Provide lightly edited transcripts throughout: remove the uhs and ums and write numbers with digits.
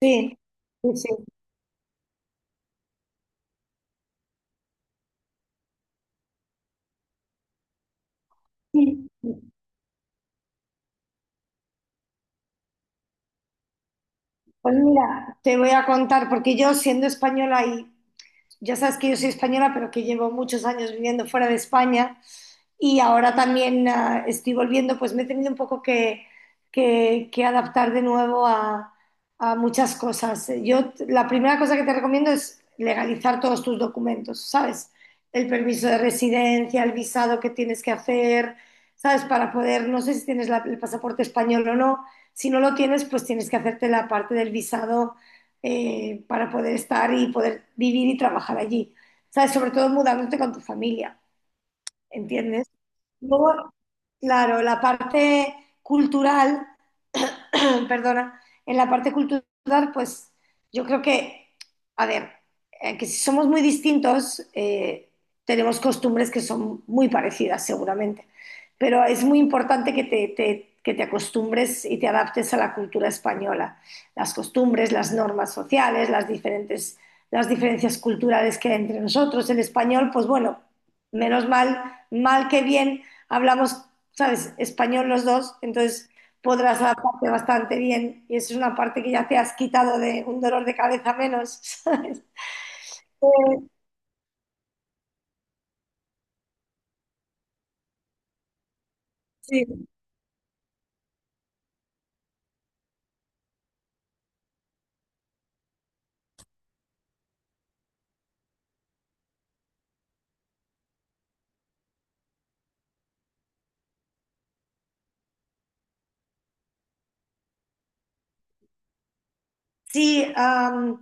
Sí, sí, sí. Pues mira, te voy a contar, porque yo siendo española y ya sabes que yo soy española, pero que llevo muchos años viviendo fuera de España y ahora también estoy volviendo, pues me he tenido un poco que, que adaptar de nuevo a muchas cosas. La primera cosa que te recomiendo es legalizar todos tus documentos, ¿sabes? El permiso de residencia, el visado que tienes que hacer, ¿sabes? Para poder, no sé si tienes el pasaporte español o no. Si no lo tienes, pues tienes que hacerte la parte del visado para poder estar y poder vivir y trabajar allí. ¿Sabes? Sobre todo mudándote con tu familia, ¿entiendes? Luego, claro, la parte cultural perdona, en la parte cultural, pues yo creo que, a ver, que si somos muy distintos, tenemos costumbres que son muy parecidas seguramente, pero es muy importante que te, que te acostumbres y te adaptes a la cultura española, las costumbres, las normas sociales, las diferentes, las diferencias culturales que hay entre nosotros. El español, pues bueno, menos mal, mal que bien, hablamos, ¿sabes?, español los dos, entonces podrás adaptarte bastante bien y eso es una parte que ya te has quitado de un dolor de cabeza menos, ¿sabes? Eh, Sí, sí,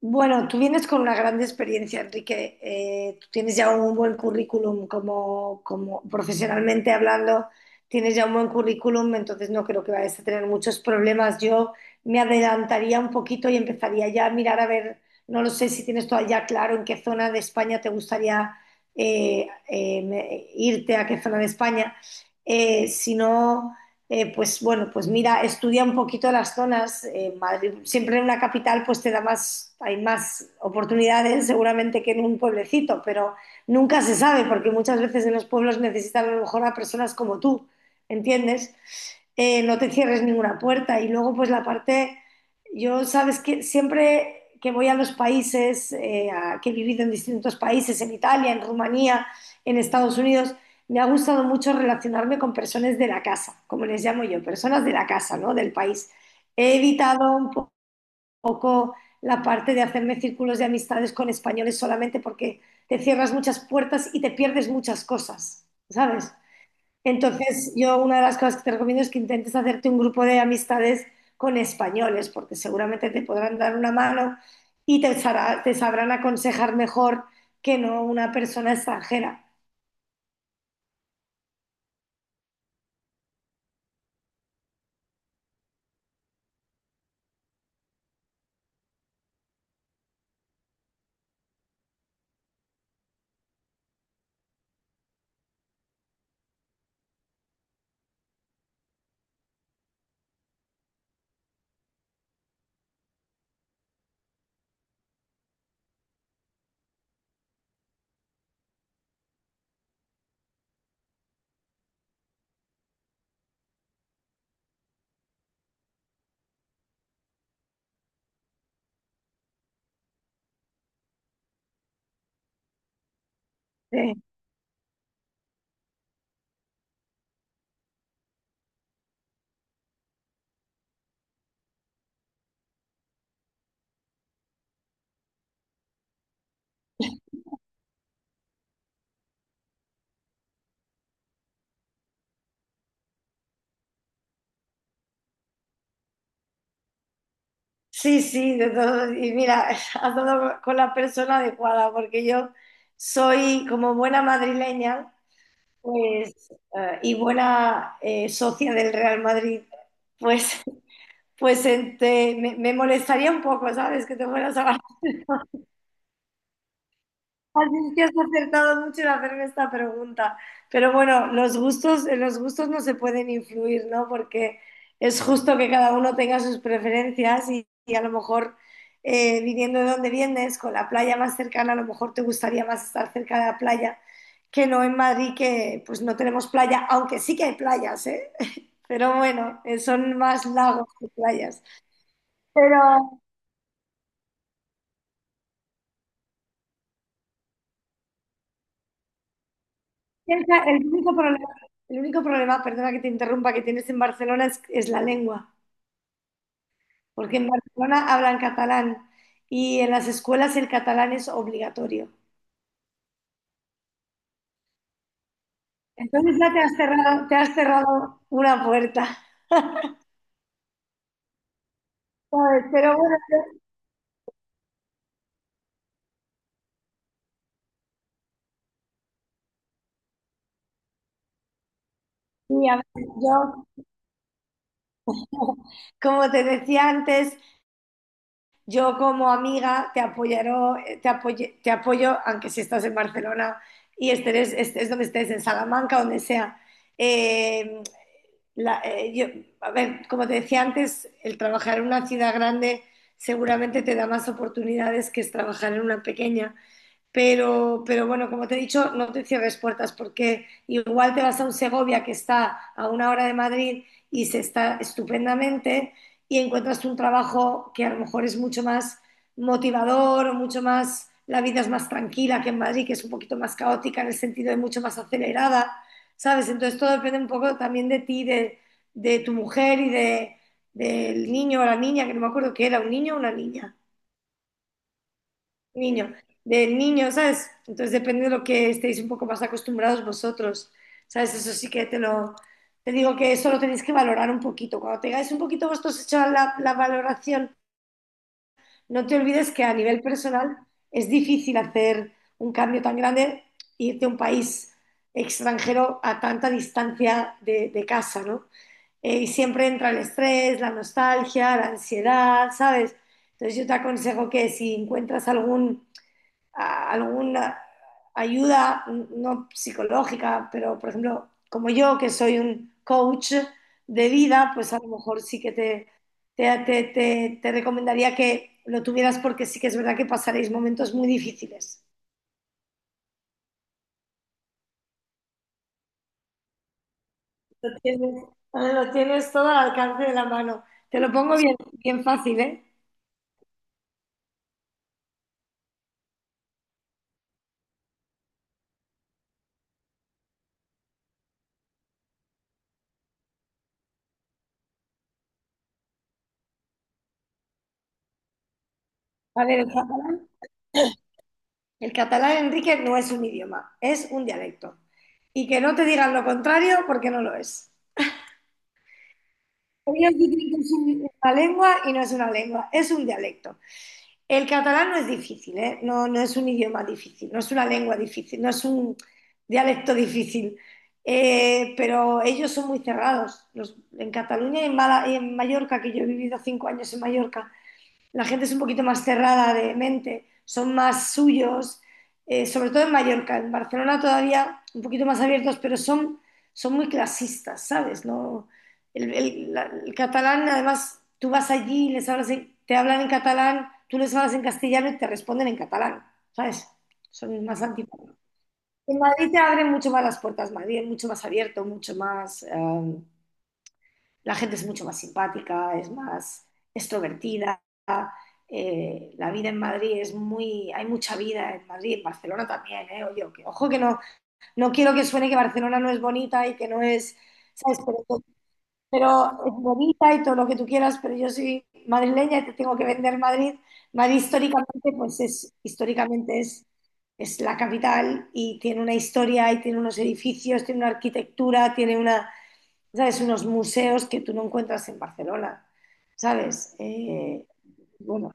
bueno, tú vienes con una gran experiencia, Enrique. Tú tienes ya un buen currículum como, como profesionalmente hablando, tienes ya un buen currículum, entonces no creo que vayas a tener muchos problemas. Yo me adelantaría un poquito y empezaría ya a mirar a ver, no lo sé si tienes todavía ya claro en qué zona de España te gustaría irte, a qué zona de España. Si no pues bueno, pues mira, estudia un poquito las zonas. Madrid, siempre en una capital pues te da más, hay más oportunidades seguramente que en un pueblecito, pero nunca se sabe porque muchas veces en los pueblos necesitan a lo mejor a personas como tú, ¿entiendes? No te cierres ninguna puerta. Y luego pues la parte, yo sabes que siempre que voy a los países, que he vivido en distintos países, en Italia, en Rumanía, en Estados Unidos, me ha gustado mucho relacionarme con personas de la casa, como les llamo yo, personas de la casa, ¿no? Del país. He evitado un poco la parte de hacerme círculos de amistades con españoles solamente porque te cierras muchas puertas y te pierdes muchas cosas, ¿sabes? Entonces, yo una de las cosas que te recomiendo es que intentes hacerte un grupo de amistades con españoles, porque seguramente te podrán dar una mano y te, te sabrán aconsejar mejor que no una persona extranjera. ¿Eh? Sí, sí, de todo. Y mira, has dado con la persona adecuada, porque yo soy como buena madrileña, pues, y buena socia del Real Madrid, pues, pues me, me molestaría un poco, ¿sabes? Que te fueras a. Así es que has acertado mucho en hacerme esta pregunta. Pero bueno, los gustos, en los gustos no se pueden influir, ¿no? Porque es justo que cada uno tenga sus preferencias y a lo mejor viniendo de donde vienes, con la playa más cercana, a lo mejor te gustaría más estar cerca de la playa que no en Madrid, que pues no tenemos playa, aunque sí que hay playas, ¿eh? Pero bueno, son más lagos que playas. Pero Piensa, el único problema, el único problema, perdona que te interrumpa, que tienes en Barcelona es la lengua, porque en Barcelona hablan catalán y en las escuelas el catalán es obligatorio. Entonces ya te has cerrado una puerta, ¿sabes? Pero bueno, sí, a ver, yo, como te decía antes, yo como amiga te apoyaré, te apoyo, aunque si estás en Barcelona y estés, estés donde estés, en Salamanca, donde sea. Eh, la- eh, yo, a ver, como te decía antes, el trabajar en una ciudad grande seguramente te da más oportunidades que es trabajar en una pequeña. Pero bueno, como te he dicho, no te cierres puertas porque igual te vas a un Segovia que está a una hora de Madrid y se está estupendamente y encuentras un trabajo que a lo mejor es mucho más motivador o mucho más, la vida es más tranquila que en Madrid, que es un poquito más caótica en el sentido de mucho más acelerada, ¿sabes? Entonces todo depende un poco también de ti, de tu mujer y de, del niño o la niña, que no me acuerdo que era, un niño o una niña. Niño, del niño, ¿sabes? Entonces depende de lo que estéis un poco más acostumbrados vosotros, ¿sabes? Eso sí que te lo, te digo que eso lo tenéis que valorar un poquito. Cuando tengáis un poquito vosotros hecha la, la valoración, no te olvides que a nivel personal es difícil hacer un cambio tan grande, irte a un país extranjero a tanta distancia de casa, ¿no? Y siempre entra el estrés, la nostalgia, la ansiedad, ¿sabes? Entonces yo te aconsejo que si encuentras algún a alguna ayuda, no psicológica, pero por ejemplo, como yo que soy un coach de vida, pues a lo mejor sí que te, te recomendaría que lo tuvieras porque sí que es verdad que pasaréis momentos muy difíciles. Lo tienes, lo tienes todo al alcance de la mano. Te lo pongo bien, bien fácil, ¿eh? A ver, el catalán, Enrique, no es un idioma, es un dialecto. Y que no te digan lo contrario porque no lo es. Ellos dicen que es una lengua y no es una lengua, es un dialecto. El catalán no es difícil, ¿eh? No, no es un idioma difícil, no es una lengua difícil, no es un dialecto difícil. Pero ellos son muy cerrados. En Cataluña y en, y en Mallorca, que yo he vivido 5 años en Mallorca, la gente es un poquito más cerrada de mente, son más suyos, sobre todo en Mallorca, en Barcelona todavía un poquito más abiertos, pero son, son muy clasistas, ¿sabes? No, el catalán, además, tú vas allí y te hablan en catalán, tú les hablas en castellano y te responden en catalán, ¿sabes? Son más antipáticos. En Madrid te abren mucho más las puertas, Madrid es mucho más abierto, mucho más, la gente es mucho más simpática, es más extrovertida la vida en Madrid es muy, hay mucha vida en Madrid, en Barcelona también, ¿eh? Oye, ojo que no, no quiero que suene que Barcelona no es bonita y que no es, ¿sabes? Pero es bonita y todo lo que tú quieras, pero yo soy madrileña y te tengo que vender Madrid. Madrid históricamente, pues es, históricamente es la capital y tiene una historia y tiene unos edificios, tiene una arquitectura, tiene una, ¿sabes? Unos museos que tú no encuentras en Barcelona, ¿sabes? Bueno.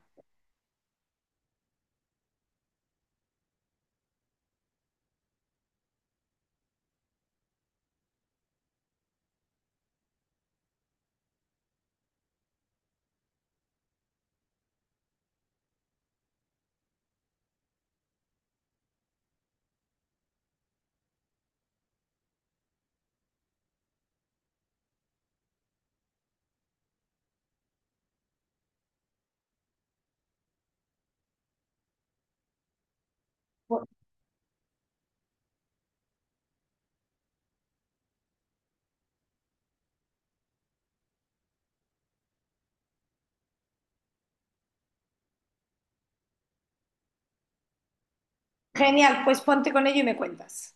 Genial, pues ponte con ello y me cuentas.